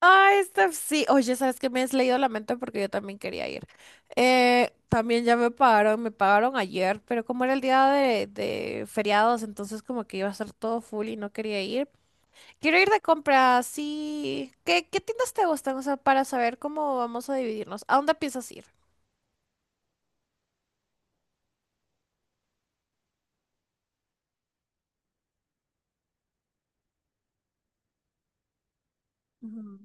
Ay, Steph, sí. Oye, ¿sabes qué? Me has leído la mente porque yo también quería ir. También ya me pagaron ayer, pero como era el día de feriados, entonces como que iba a estar todo full y no quería ir. Quiero ir de compras, sí. ¿Qué tiendas te gustan? O sea, para saber cómo vamos a dividirnos. ¿A dónde piensas ir? Ujú.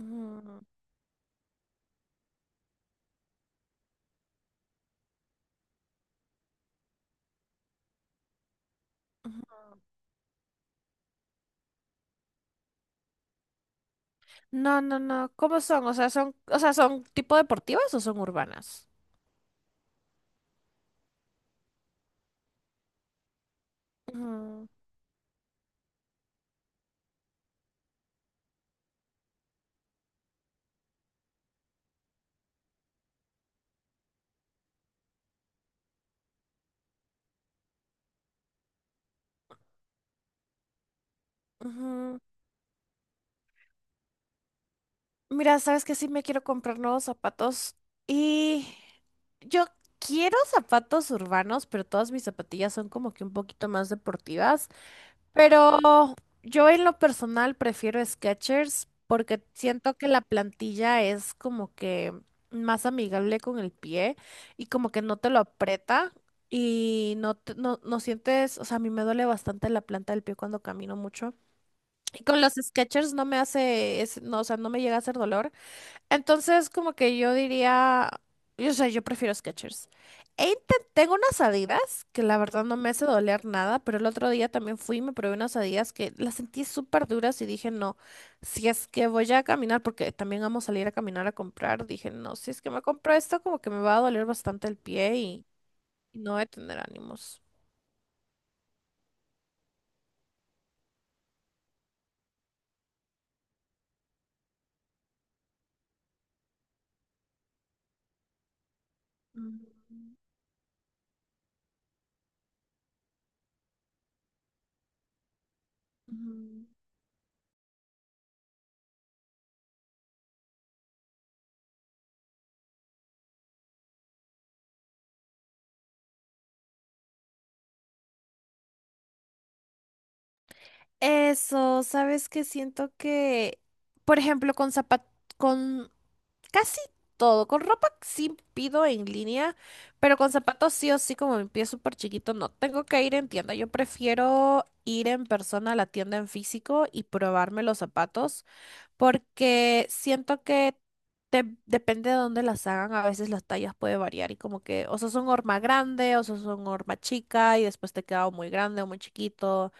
Mm, ujú. No, no, no. ¿Cómo son? O sea, son, o sea, ¿son tipo deportivas o son urbanas? Ujú, ujú. Mira, sabes que sí me quiero comprar nuevos zapatos y yo quiero zapatos urbanos, pero todas mis zapatillas son como que un poquito más deportivas. Pero yo en lo personal prefiero Skechers porque siento que la plantilla es como que más amigable con el pie y como que no te lo aprieta y no, no, no sientes, o sea, a mí me duele bastante la planta del pie cuando camino mucho. Y con los Skechers no me hace, no, o sea, no me llega a hacer dolor. Entonces, como que yo diría, yo, o sea, yo prefiero Skechers. Tengo unas Adidas que la verdad no me hace doler nada, pero el otro día también fui y me probé unas Adidas que las sentí súper duras y dije, no, si es que voy a caminar, porque también vamos a salir a caminar a comprar, dije, no, si es que me compro esto, como que me va a doler bastante el pie y no voy a tener ánimos. Mm, mm. Eso, sabes que siento que, por ejemplo, con zapatos. Casi todo. Con ropa sí pido en línea, pero con zapatos sí o sí, como mi pie es súper chiquito, no tengo que ir en tienda. Yo prefiero ir en persona a la tienda en físico y probarme los zapatos porque siento que depende de dónde las hagan, a veces las tallas puede variar y como que o sos un horma grande o sos un horma chica y después te queda o muy grande o muy chiquito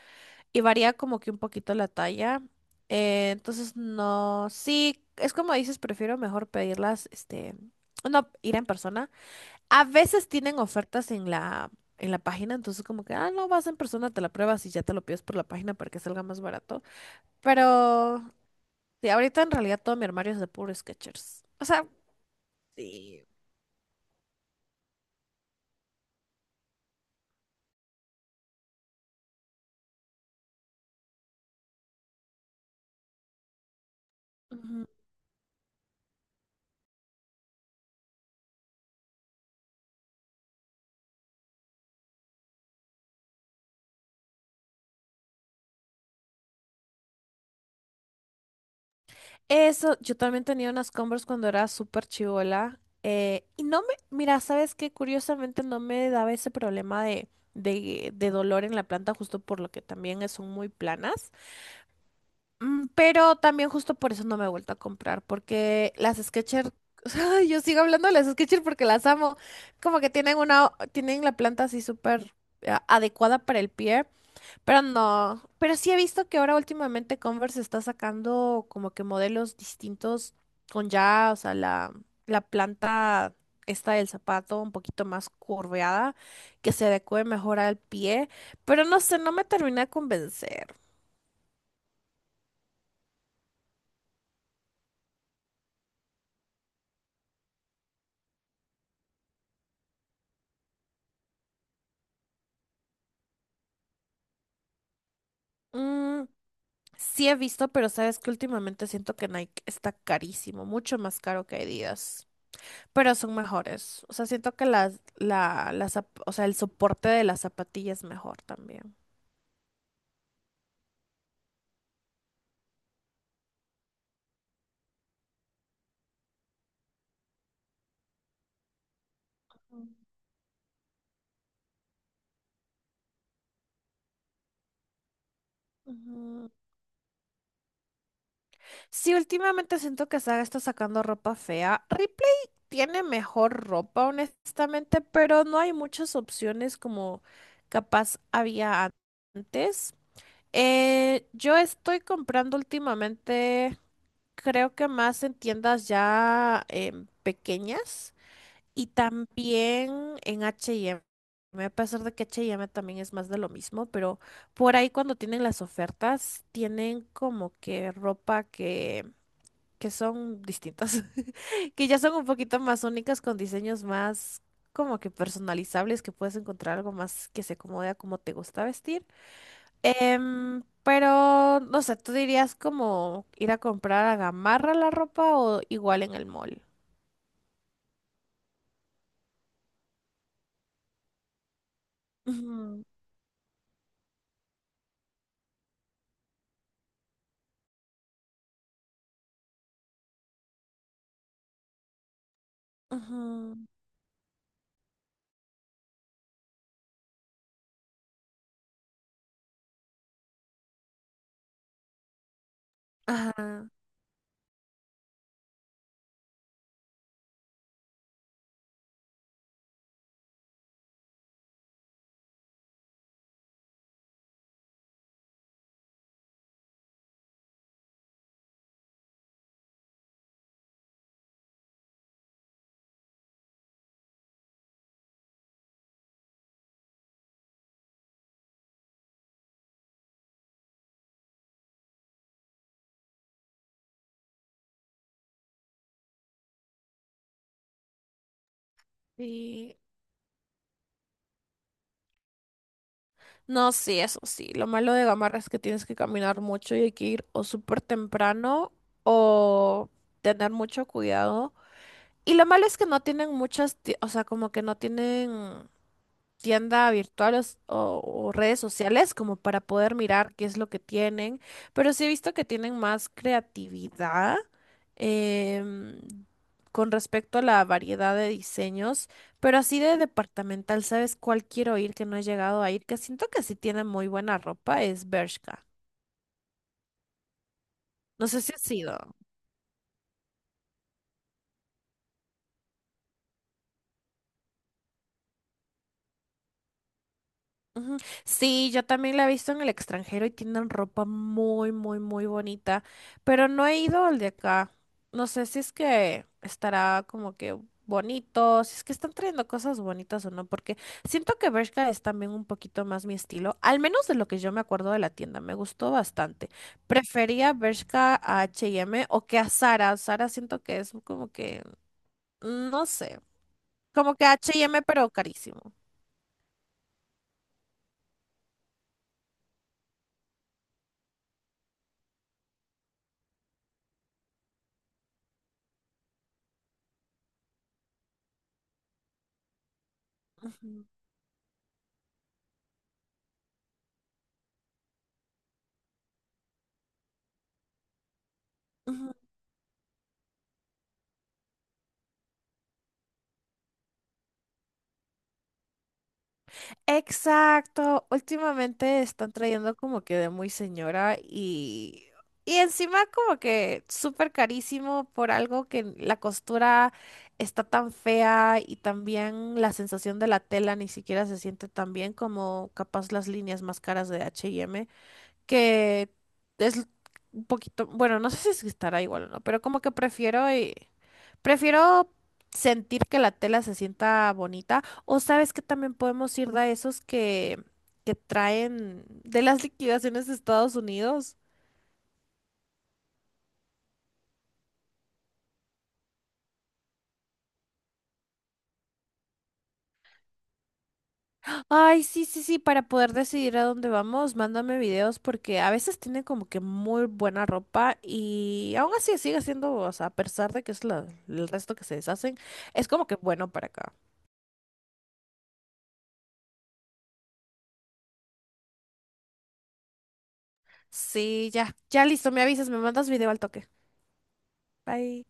y varía como que un poquito la talla. Entonces, no, sí, es como dices, prefiero mejor pedirlas, este, no, ir en persona. A veces tienen ofertas en la, página, entonces como que, ah, no, vas en persona, te la pruebas y ya te lo pides por la página para que salga más barato. Pero, sí, ahorita en realidad todo mi armario es de puro Skechers. O sea, sí. Eso, yo también tenía unas Converse cuando era súper chivola. Y no me, mira, ¿sabes qué? Curiosamente no me daba ese problema de dolor en la planta, justo por lo que también son muy planas. Pero también justo por eso no me he vuelto a comprar, porque las Skechers, o sea, yo sigo hablando de las Skechers porque las amo. Como que tienen una, tienen la planta así súper adecuada para el pie. Pero no, pero sí he visto que ahora últimamente Converse está sacando como que modelos distintos con ya, o sea, la planta esta del zapato un poquito más curveada, que se adecue mejor al pie, pero no sé, no me termina de convencer. Mm, sí he visto, pero sabes que últimamente siento que Nike está carísimo, mucho más caro que Adidas, pero son mejores. O sea, siento que las o sea, el soporte de la zapatilla es mejor también. Ujú. Sí, últimamente siento que Saga está sacando ropa fea. Ripley tiene mejor ropa, honestamente, pero no hay muchas opciones como capaz había antes. Yo estoy comprando últimamente, creo que más en tiendas ya pequeñas. Y también en H&M, a pesar de que H&M también es más de lo mismo, pero por ahí cuando tienen las ofertas, tienen como que ropa que son distintas, que ya son un poquito más únicas, con diseños más como que personalizables, que puedes encontrar algo más que se acomode a cómo te gusta vestir. Pero, no sé, ¿tú dirías como ir a comprar a Gamarra la ropa o igual en el mall? Ujú, ujú. Ajá. Sí. No, sí, eso sí. Lo malo de Gamarra es que tienes que caminar mucho y hay que ir o súper temprano o tener mucho cuidado. Y lo malo es que no tienen muchas, o sea, como que no tienen tienda virtual o, o- o redes sociales como para poder mirar qué es lo que tienen, pero sí he visto que tienen más creatividad em, con respecto a la variedad de diseños, pero así de departamental, ¿sabes cuál quiero ir que no he llegado a ir? Que siento que sí tiene muy buena ropa, es Bershka. No sé si ha sido. Ujú. Sí, yo también la he visto en el extranjero y tienen ropa muy, muy, muy bonita, pero no he ido al de acá. No sé si es que estará como que bonito, si es que están trayendo cosas bonitas o no, porque siento que Bershka es también un poquito más mi estilo, al menos de lo que yo me acuerdo de la tienda, me gustó bastante. Prefería Bershka a H&M o que a Zara. Zara siento que es como que, no sé. Como que H&M, pero carísimo. Ujú, ujú. Exacto, últimamente están trayendo como que de muy señora y encima como que súper carísimo por algo que la costura está tan fea y también la sensación de la tela ni siquiera se siente tan bien como capaz las líneas más caras de H&M que es un poquito, bueno, no sé si estará igual o no, pero como que prefiero prefiero sentir que la tela se sienta bonita o sabes que también podemos ir de esos que traen de las liquidaciones de Estados Unidos. Ay, sí, sí, sí, para poder decidir a dónde vamos, mándame videos porque a veces tienen como que muy buena ropa y aún así sigue siendo, o sea, a pesar de que es el resto que se deshacen, es como que bueno para acá. Sí, ya, ya listo, me avisas, me mandas video al toque. Bye.